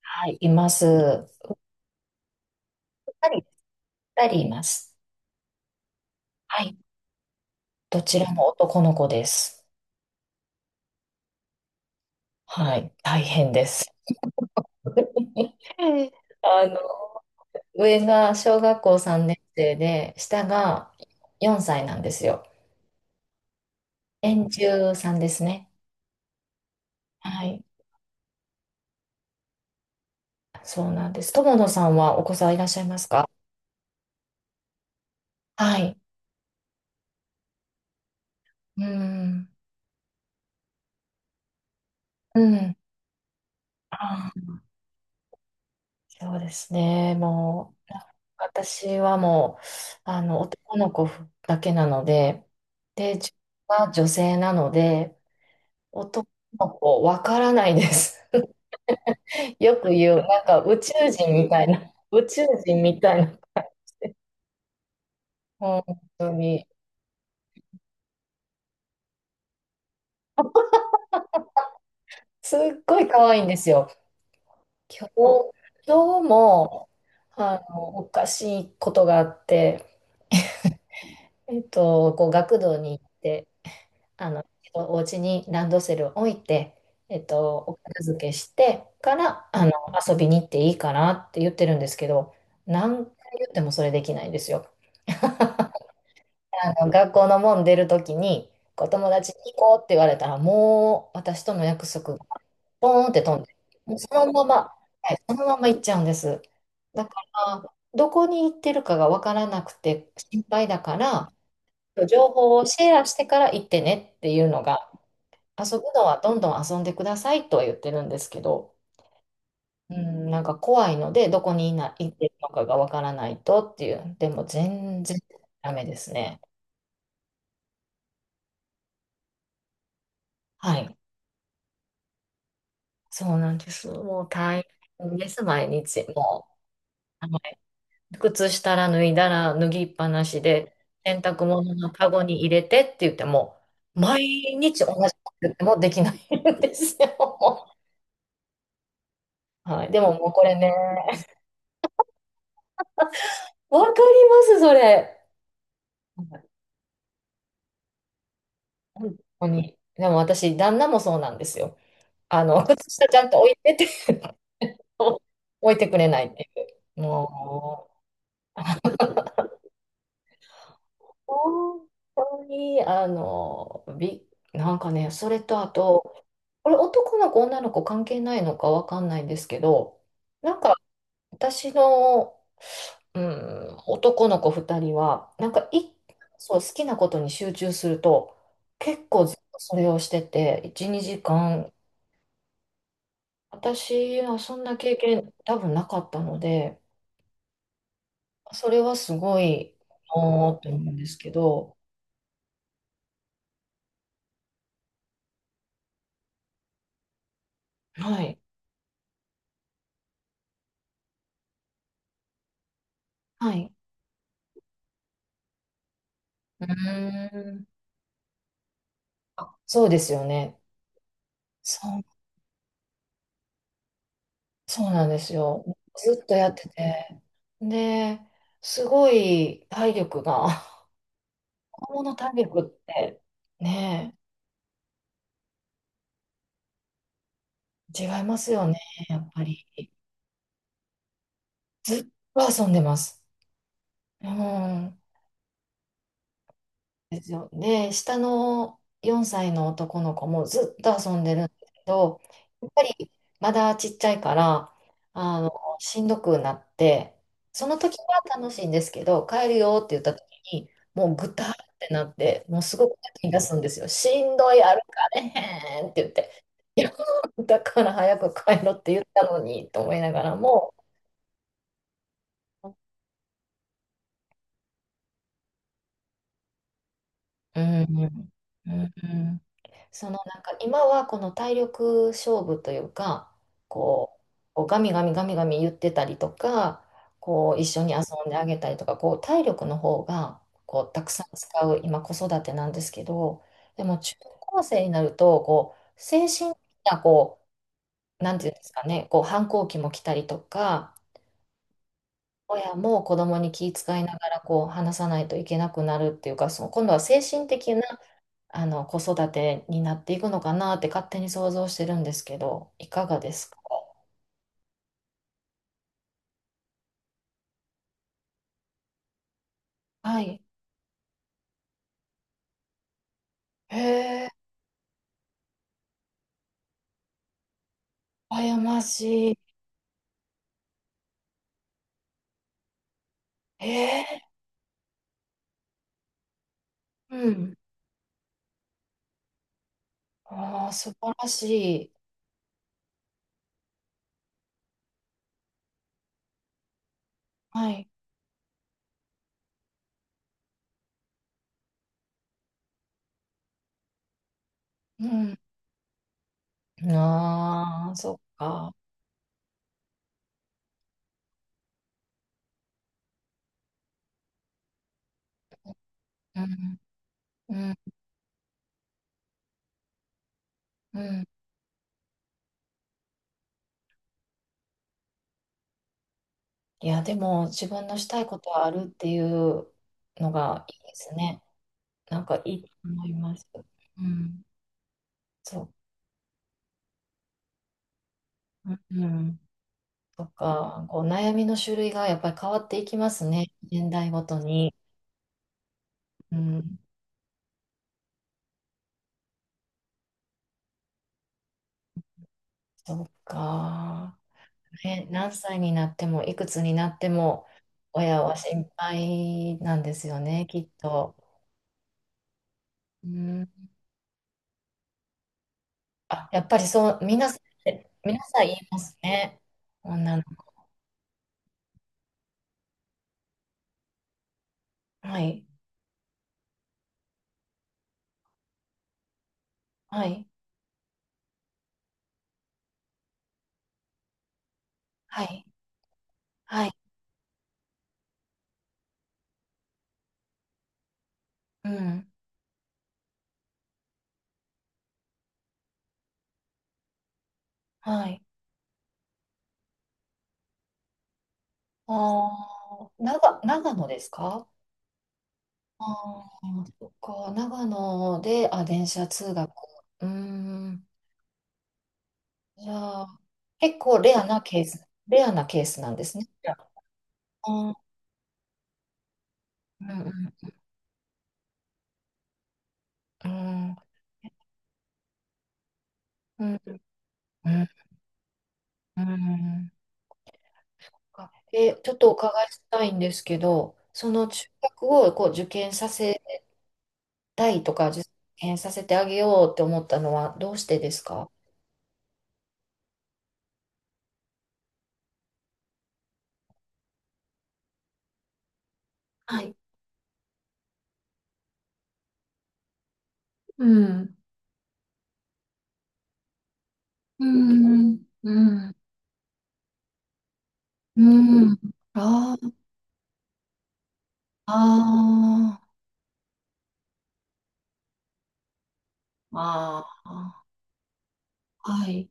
はい、います。二人、二人います。はい、どちらも男の子です。はい、大変です。あの、上が小学校3年生で、下が4歳なんですよ。年中さんですね。はい、そうなんです。友野さんはお子さんいらっしゃいますか？はい。うん。うん。あ、そうですね。もう、私はもう、男の子だけなので、で、自分は女性なので、男の子わからないです。よく言う、なんか宇宙人みたいな、宇宙人みたいな、本当に、すっごい可愛いんですよ。今日、今日も、おかしいことがあって、こう、学童に行って、一度お家にランドセルを置いて、お片付けしてから、遊びに行っていいかなって言ってるんですけど、何回言ってもそれできないんですよ。学校の門出るときに、こう友達に行こうって言われたら、もう私との約束がポーンって飛んで、もうそのまま、はい、そのまま行っちゃうんです。だから、どこに行ってるかが分からなくて心配だから、情報をシェアしてから行ってねっていうのが、遊ぶのはどんどん遊んでくださいとは言ってるんですけど、うん、なんか怖いので、どこにいな、行ってるのかがわからないとっていう、でも全然ダメですね。はい。そうなんです。もう大変です、毎日。もう、あの靴下ら脱いだら脱ぎっぱなしで、洗濯物のカゴに入れてって言っても、毎日同じこともできないんですよ。もうはい。でももうこれね、わかります、それ。本当に。でも私、旦那もそうなんですよ。靴下ちゃんと置いてって 置いてくれないっていう。もう、本当に、なんかね、それとあと、これ男の子、女の子関係ないのかわかんないんですけど、なんか私の、うん、男の子2人は、なんかいそう、好きなことに集中すると、結構ずっとそれをしてて、1、2時私はそんな経験多分なかったので、それはすごいおーって思うんですけど、はい、はい。うーん。あ、そうですよね。そう、そうなんですよ。ずっとやってて。で、すごい体力が、子供の体力ってねえ、違いますよね、やっぱり。ずっと遊んでます。うん。ですよ。で、下の4歳の男の子もずっと遊んでるんですけど、やっぱりまだちっちゃいから、あの、しんどくなって、その時は楽しいんですけど、帰るよって言った時に、もうぐたーってなって、もうすごく泣き出すんですよ。しんどい、歩かれへんって言って、いや、だから早く帰ろって言ったのにと思いながらも、うん、うん、うん。そのなんか今はこの体力勝負というかこう、こうガミガミガミガミ言ってたりとか、こう一緒に遊んであげたりとか、こう体力の方がこうたくさん使う今子育てなんですけど、でも中高生になるとこう精神的な、こうなんていうんですかね、こう反抗期も来たりとか、親も子供に気遣いながらこう話さないといけなくなるっていうか、その今度は精神的な子育てになっていくのかなって勝手に想像してるんですけど、いかがですか？はい。へえ、羨ましい。へえ、うん。ああ、素晴らしい。はい。うん。ああ、そっか。うん、うん、うん。いや、でも、自分のしたいことはあるっていうのがいいですね。なんかいいと思います。うん。そう。うん。とか、こう悩みの種類がやっぱり変わっていきますね。年代ごとに。うん、そうか。ね、何歳になっても、いくつになっても、親は心配なんですよね、きっと。うん、あ、やっぱりそう、皆さん、皆さん言いますね。女の子。はい、はい、はい、はい、うん、はい。ああ、長野ですか？ああ、そっか、長野で、あ、電車通学。うーん。じゃあ、結構レアなケースなんですね。じゃあ、うん、うん、うん、うん、うん。うんちょっとお伺いしたいんですけど、その中学をこう受験させたいとか、受験させてあげようって思ったのはどうしてですか？はい。うん。うん。うん。うん。あ、はい。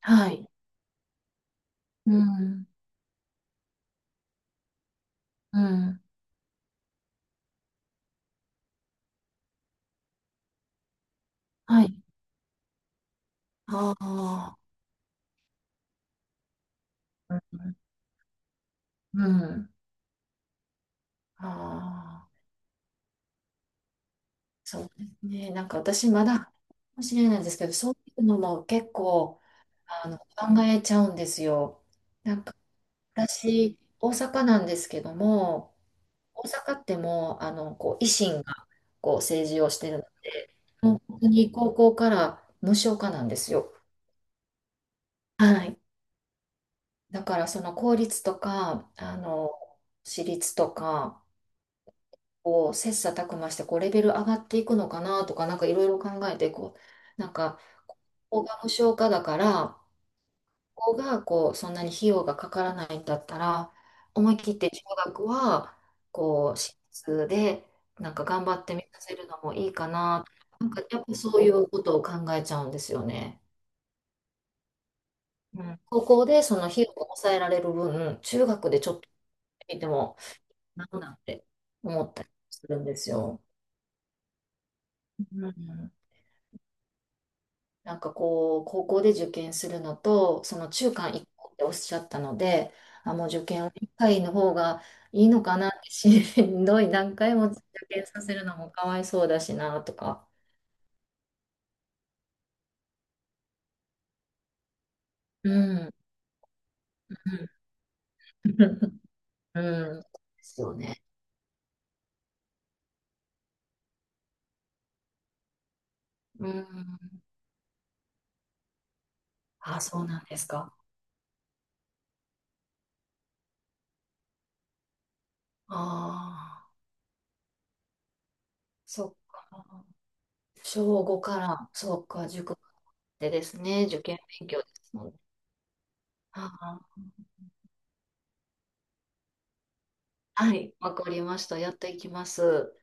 はい。うん。うん。はい。ああ、うん。うん、ああ、そうですね。なんか私まだかもしれないんですけど、そういうのも結構考えちゃうんですよ。なんか私、大阪なんですけども、大阪ってもう、こう維新がこう政治をしてる、もう本当に高校から無償化なんですよ。はい。だからその公立とか、私立とか、こう、切磋琢磨して、こう、レベル上がっていくのかなとか、なんかいろいろ考えて、こう、なんか、ここが無償化だから、ここが、こう、そんなに費用がかからないんだったら、思い切って中学は、こう、私立で、なんか頑張ってみさせるのもいいかな、なんか、やっぱそういうことを考えちゃうんですよね。うん、高校でその費用を抑えられる分、中学でちょっとでも、なんて思ったりするんですよ。うん、なんかこう、高校で受験するのと、その中間一個っておっしゃったので、あ、もう受験は一回の方がいいのかなって、しんどい何回も受験させるのもかわいそうだしなとか。うん。うん。うん。ですよね。うん。あ、そうなんですか。ああ、そっか。小5から、そうか、塾までですね、受験勉強ですもんね。ああ、はい、わかりました。やっていきます。